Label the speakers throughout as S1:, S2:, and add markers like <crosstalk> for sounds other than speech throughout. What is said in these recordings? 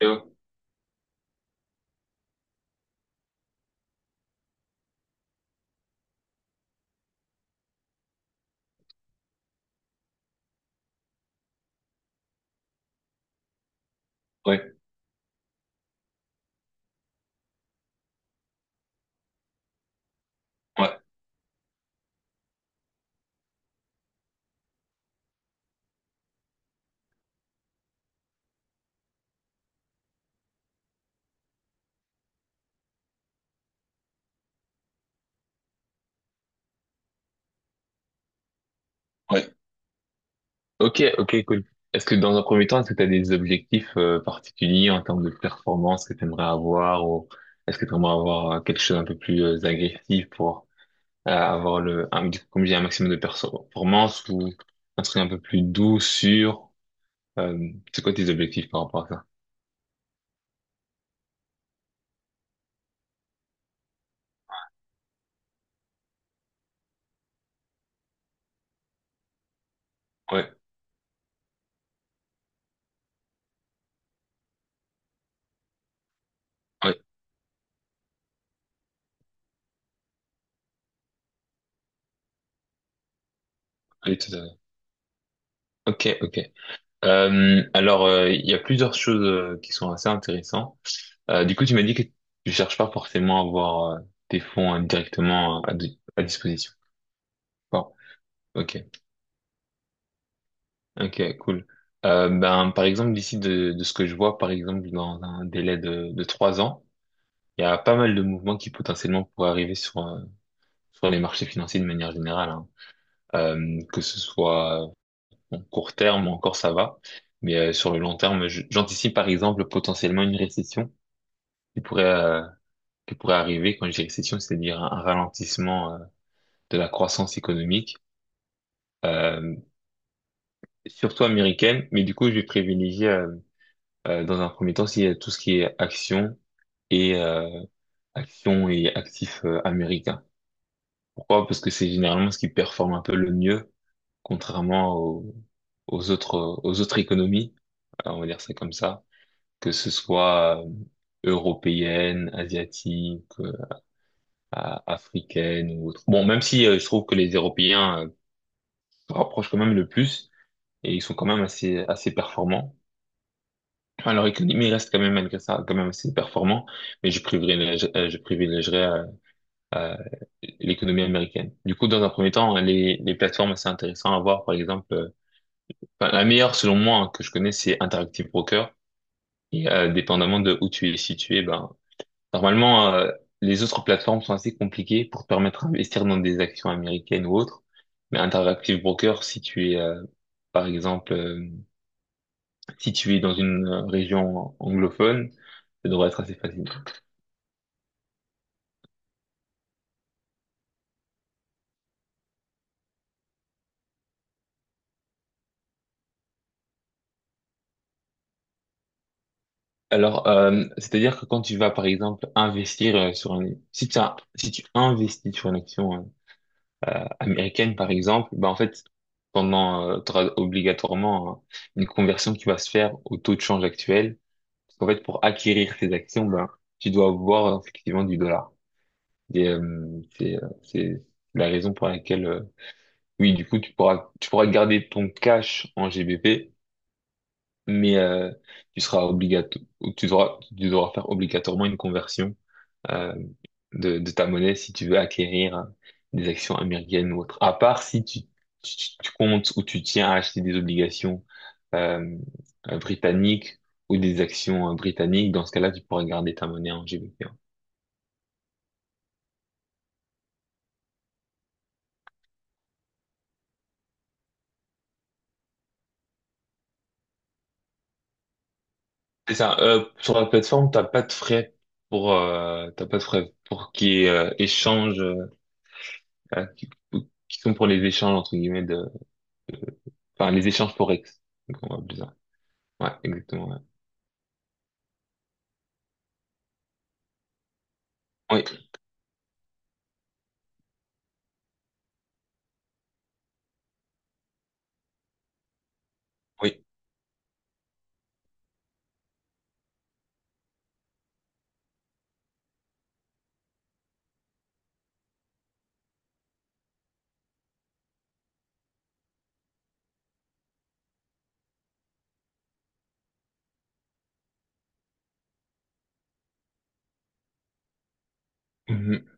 S1: Et ouais, ouais, ouais. Ouais. Ok, ok, cool. Est-ce que dans un premier temps, est-ce que tu as des objectifs particuliers en termes de performance que tu aimerais avoir ou est-ce que tu aimerais avoir quelque chose un peu plus agressif pour avoir le, un, du coup, comme j'ai un maximum de performance ou un truc un peu plus doux, sûr? Euh, c'est quoi tes objectifs par rapport à ça? Ouais, ouais, oui, tout à fait. Ok, ok. Alors, il y a plusieurs choses qui sont assez intéressantes. Du coup, tu m'as dit que tu cherches pas forcément à avoir tes fonds directement hein, à disposition. Bon, ok, ok, cool. Ben, par exemple, de ce que je vois, par exemple, dans un délai de 3 ans, il y a pas mal de mouvements qui potentiellement pourraient arriver sur, sur les marchés financiers de manière générale, hein. Que ce soit en court terme, encore ça va, mais sur le long terme, j'anticipe par exemple potentiellement une récession qui pourrait, euh, qui pourrait arriver. Quand je dis récession, c'est-à-dire un ralentissement de la croissance économique, euh, surtout américaine. Mais du coup, je vais privilégier dans un premier temps si, tout ce qui est action et euh, et actifs américains. Pourquoi? Parce que c'est généralement ce qui performe un peu le mieux, contrairement aux autres économies, on va dire ça comme ça, que ce soit européenne, asiatique, africaine ou autre. Bon, même si je trouve que les Européens se rapprochent quand même le plus, et ils sont quand même assez, assez performants. Alors, l'économie reste quand même, malgré ça, quand même assez performant, mais je privilégierais euh, l'économie américaine. Du coup, dans un premier temps, les plateformes, c'est intéressant à voir, par exemple, enfin, la meilleure, selon moi, hein, que je connais, c'est Interactive Broker, et dépendamment de où tu es situé, ben, normalement, les autres plateformes sont assez compliquées pour te permettre d'investir dans des actions américaines ou autres, mais Interactive Broker, si tu es, par exemple, si tu es dans une région anglophone, ça devrait être assez facile. Alors, c'est-à-dire que quand tu vas, par exemple, investir sur un... Si si tu investis sur une action américaine, par exemple, bah, en fait, pendant, tu auras obligatoirement une conversion qui va se faire au taux de change actuel. Parce qu'en fait, pour acquérir ces actions, ben tu dois avoir effectivement du dollar. Et, c'est la raison pour laquelle, oui, du coup, tu pourras garder ton cash en GBP, mais tu seras obligato tu devras faire obligatoirement une conversion euh, de ta monnaie si tu veux acquérir des actions américaines ou autres. À part si tu comptes ou tu tiens à acheter des obligations euh, britanniques ou des actions britanniques, dans ce cas-là, tu pourras garder ta monnaie en GBP, hein. C'est ça. Sur la plateforme, t'as pas de frais pour t'as pas de frais pour qui échange euh, qui, qui sont pour les échanges, entre guillemets, de, enfin, les échanges forex. Donc, on va appeler ça. Ouais, exactement. Ouais. Oui, oui. Mhm.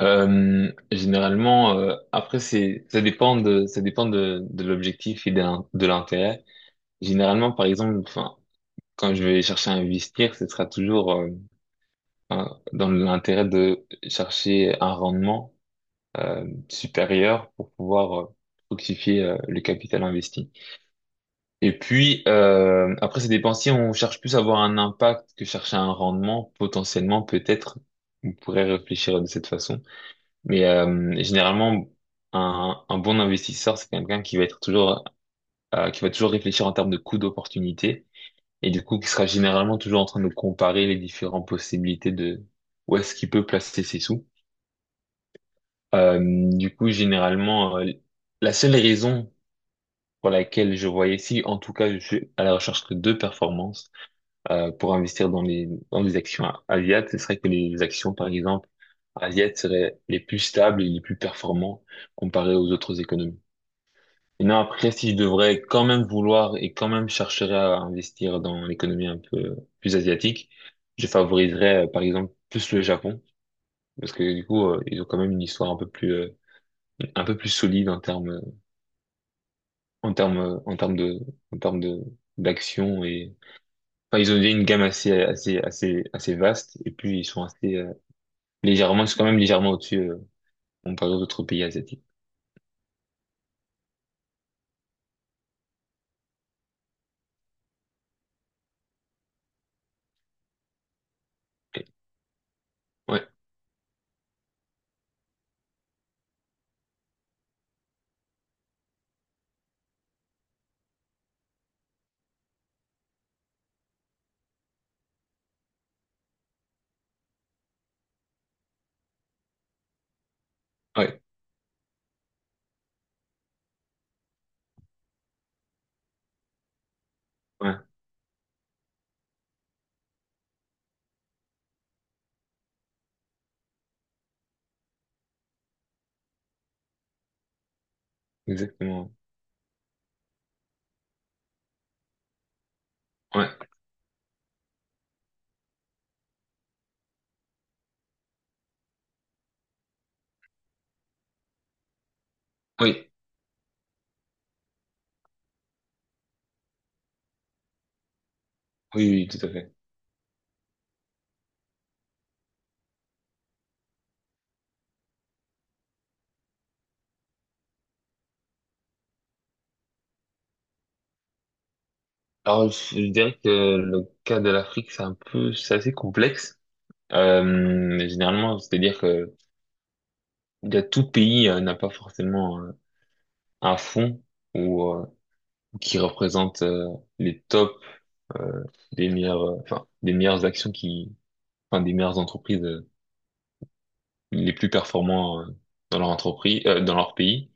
S1: Généralement, après, ça dépend de l'objectif et de l'intérêt. Généralement, par exemple, enfin, quand je vais chercher à investir, ce sera toujours, dans l'intérêt de chercher un rendement, supérieur pour pouvoir, fructifier, le capital investi. Et puis, après ces dépensiers, on cherche plus à avoir un impact que chercher un rendement. Potentiellement, peut-être, on pourrait réfléchir de cette façon. Mais généralement, un bon investisseur, c'est quelqu'un qui va être toujours, qui va toujours réfléchir en termes de coût d'opportunité et du coup, qui sera généralement toujours en train de comparer les différentes possibilités de où est-ce qu'il peut placer ses sous. Euh, du coup, généralement, la seule raison pour laquelle je voyais, si en tout cas, je suis à la recherche que de performances pour investir dans les actions asiates, ce serait que les actions, par exemple, asiates seraient les plus stables et les plus performantes comparées aux autres économies. Et non, après, si je devrais quand même vouloir et quand même chercherais à investir dans l'économie un peu plus asiatique, je favoriserais, par exemple, plus le Japon. Parce que du coup, ils ont quand même une histoire un peu plus solide en termes, en termes, en termes de, d'action et, enfin, ils ont déjà une gamme assez, assez vaste et puis ils sont assez, légèrement, c'est quand même légèrement au-dessus, comparé aux autres pays asiatiques. Ok. Ouais, ouais, ouais, exactement. Ouais, oui, oui, oui, tout à fait. Alors, je dirais que le cas de l'Afrique, c'est un peu, c'est assez complexe. Généralement, c'est-à-dire que il y a tout pays n'a pas forcément un fond ou qui représente les tops euh, des meilleures, enfin, des meilleures actions qui, enfin, des meilleures entreprises les plus performants dans leur entreprise, dans leur pays.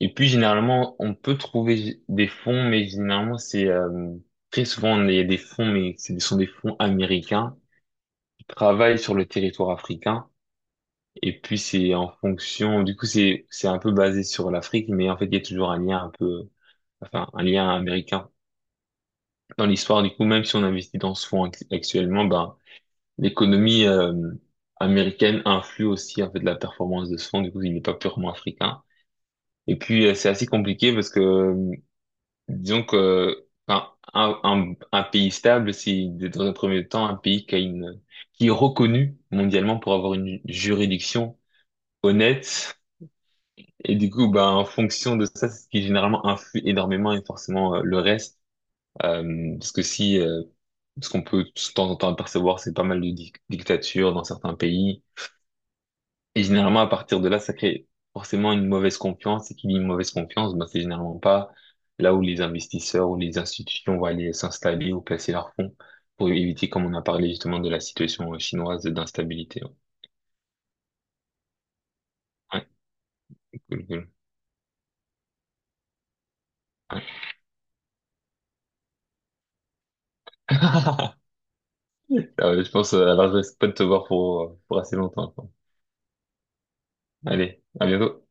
S1: Et puis généralement, on peut trouver des fonds, mais généralement c'est très souvent il y a des fonds, mais ce sont des fonds américains qui travaillent sur le territoire africain. Et puis c'est en fonction, du coup c'est un peu basé sur l'Afrique, mais en fait il y a toujours un lien un peu, enfin un lien américain dans l'histoire. Du coup même si on investit dans ce fonds actuellement, ben l'économie américaine influe aussi en fait la performance de ce fonds. Du coup il n'est pas purement africain. Et puis c'est assez compliqué parce que disons que un pays stable, c'est dans un premier temps un pays qui a une, qui est reconnu mondialement pour avoir une juridiction honnête. Et du coup, ben, en fonction de ça, c'est ce qui généralement influe énormément et forcément le reste. Parce que si, ce qu'on peut de temps en temps apercevoir, c'est pas mal de dictatures dans certains pays. Et généralement, à partir de là, ça crée forcément une mauvaise confiance. Et qui dit une mauvaise confiance, ben, c'est généralement pas là où les investisseurs ou les institutions vont aller s'installer ou placer leurs fonds pour éviter, comme on a parlé justement de la situation chinoise d'instabilité. Ouais, cool, cool. Ouais. <laughs> Je pense, alors je reste pas de te voir pour assez longtemps, quoi. Allez, à bientôt.